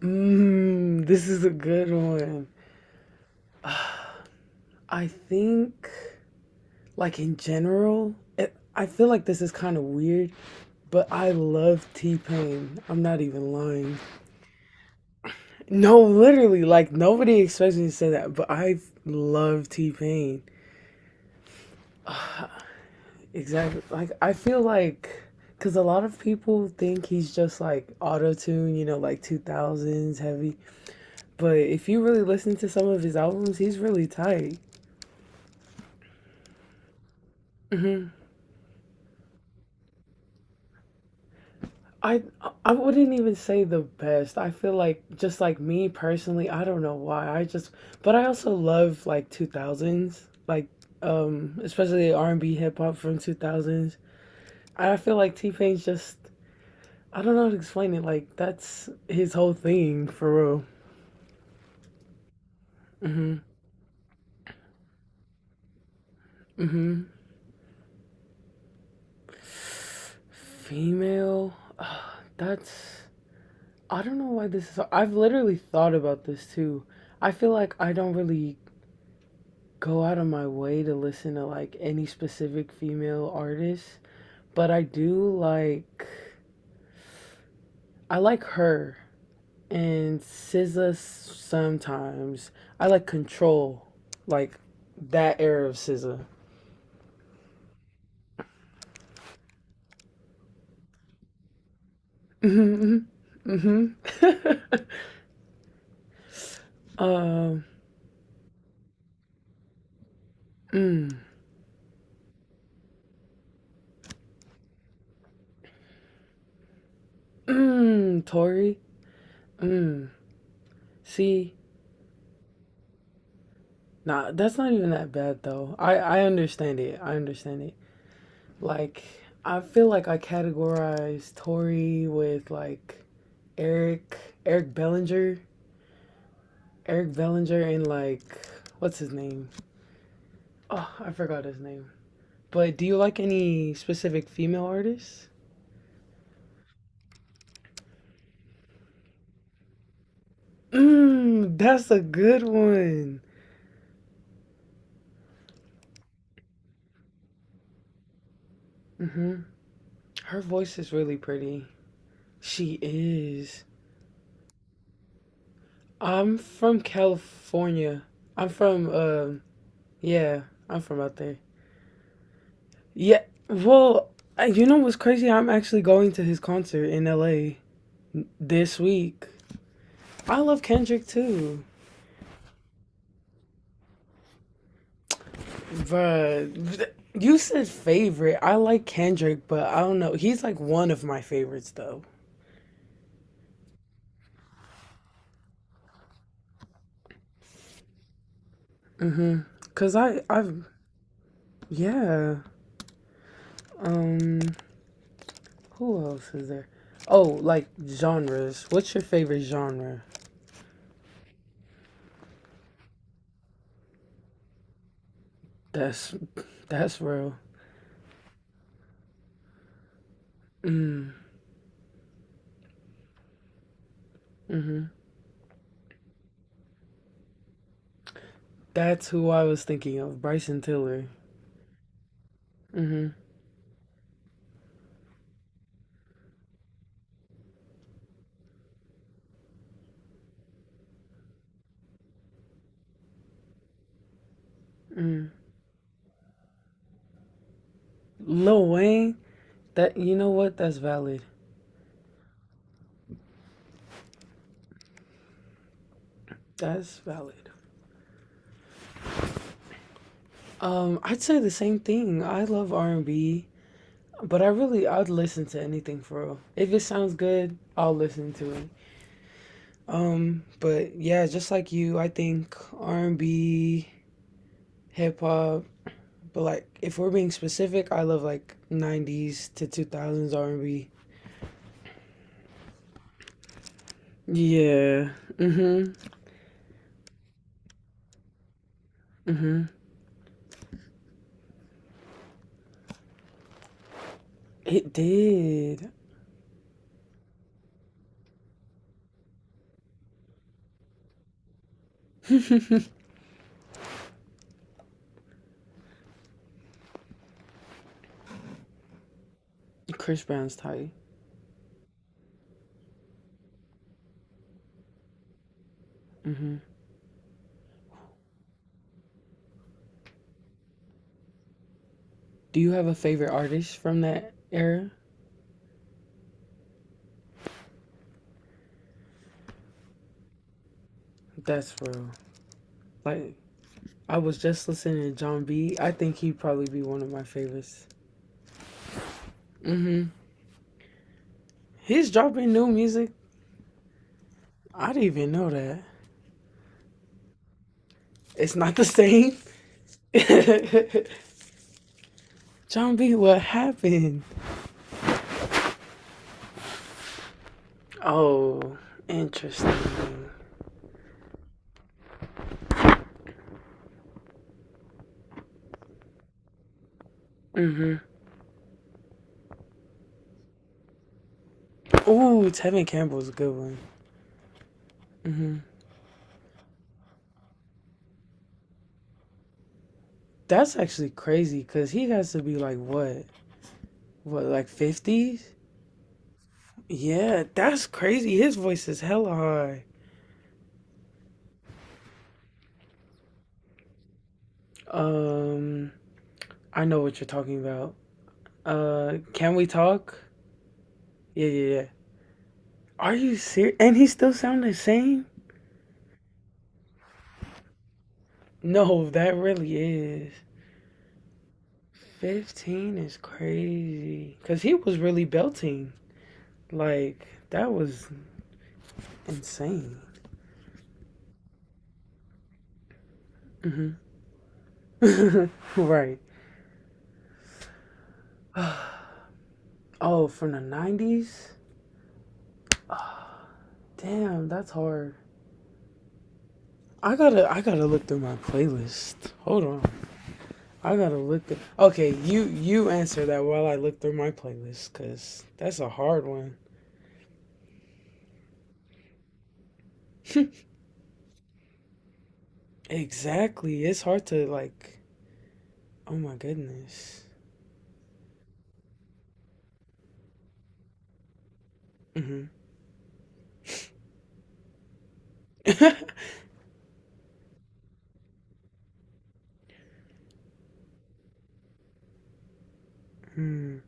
Mm, this is a good one. I think, like in general, I feel like this is kind of weird, but I love T Pain. I'm not even lying. No, literally, like nobody expects me to say that, but I love T Pain. Exactly. Like, I feel like, because a lot of people think he's just like auto tune, like 2000s heavy, but if you really listen to some of his albums, he's really tight. Mhm. I I wouldn't even say the best. I feel like just like me personally, I don't know why. I just But I also love like 2000s, like especially R&B hip hop from 2000s. I feel like T-Pain's just I don't know how to explain it. Like that's his whole thing for real. Mhm. Mhm. Female. That's I don't know why this is so, I've literally thought about this too. I feel like I don't really go out of my way to listen to like any specific female artist, but I like her and SZA sometimes. I like Control, like that era of SZA. Mhm. Mhm. Mhm. um. Mm, mm, Tori. Mm. See, nah, that's not even that bad though. I understand it. I understand it. Like, I feel like I categorize Tory with like Eric, Eric Bellinger, and like, what's his name? Oh, I forgot his name. But do you like any specific female artists? Mmm, that's a good one. Hmm. Her voice is really pretty. She is. I'm from California. I'm from, um, uh, yeah, I'm from out there. Yeah. Well, you know what's crazy? I'm actually going to his concert in LA this week. I love Kendrick too. But you said favorite. I like Kendrick, but I don't know. He's like one of my favorites though. Mhm. Cuz I've, yeah. Um who else is there? Oh, like genres. What's your favorite genre? That's that's real. Mm. Mhm. That's who I was thinking of, Bryson Tiller. Mhm. Mm. Lil Wayne, that you know what? That's valid. That's valid. I'd say the same thing. I love R&B, but I'd listen to anything for real. If it sounds good, I'll listen to it. But yeah, just like you, I think R&B, hip hop. But like, if we're being specific, I love like '90s to 2000s R&B. Yeah. Mhm. Mhm. It did. Chris Brown's tight. Mhm. Do you have a favorite artist from that era? That's real. Like I was just listening to John B. I think he'd probably be one of my favorites. Hmm. He's dropping new music. I didn't even know that. It's not the same. John B, what happened? Oh, interesting. Mm-hmm. Ooh, Tevin Campbell's a good one. Hmm. That's actually crazy because he has to be like what? What, like 50s? Yeah, that's crazy. His voice is hella high. Um, I know what you're talking about. Can we talk? Yeah, yeah, yeah. Are you serious? And he still sound the same? No, that really is. 15 is crazy. Because he was really belting. Like, that was insane. Hmm. Right. Oh, from the 90s? Damn, that's hard. I gotta look through my playlist. Hold on. I gotta look. Okay, you answer that while I look through my playlist, cause that's a hard one. Exactly, it's hard to like. Oh my goodness. Mm-hmm. Mm,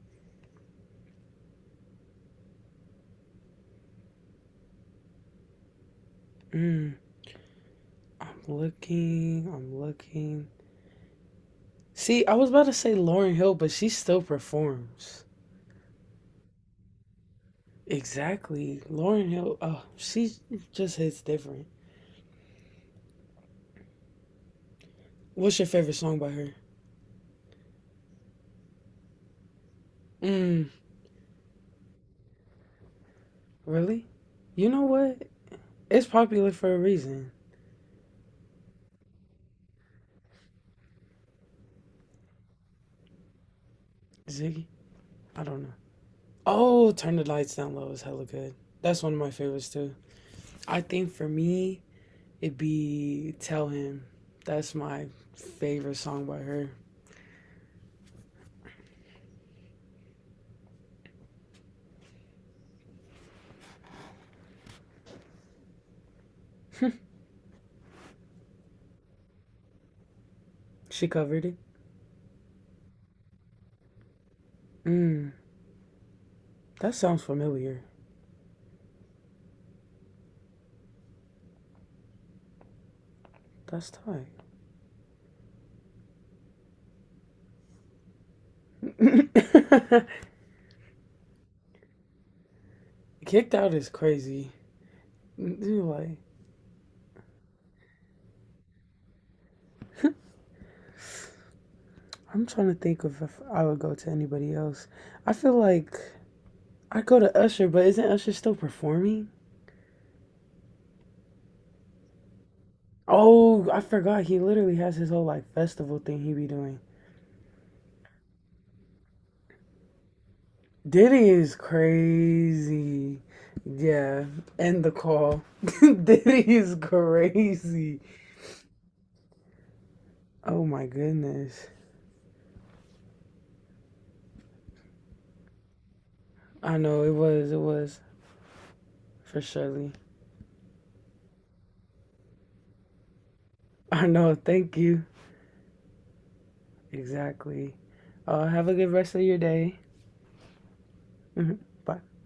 mm. I'm looking. I'm looking. See, I was about to say Lauren Hill, but she still performs. Exactly, Lauren Hill. Oh, she just hits different. What's your favorite song by her? Mm, really? You know what? It's popular for a reason, Ziggy. I don't know. Oh, Turn the Lights Down Low is hella good. That's one of my favorites too. I think for me, it'd be Tell Him. That's my favorite song by her. She covered it. Mm, that sounds familiar. That's tight. Kicked Out is crazy. Dude, like. I'm trying to think of if I would go to anybody else. I feel like I would go to Usher, but isn't Usher still performing? Oh, I forgot. He literally has his whole like festival thing he be doing. Diddy is crazy. Yeah, end the call. Diddy is crazy. Oh my goodness. I know it was for Shirley. I know, thank you. Exactly. Have a good rest of your day. Mhm. Bye.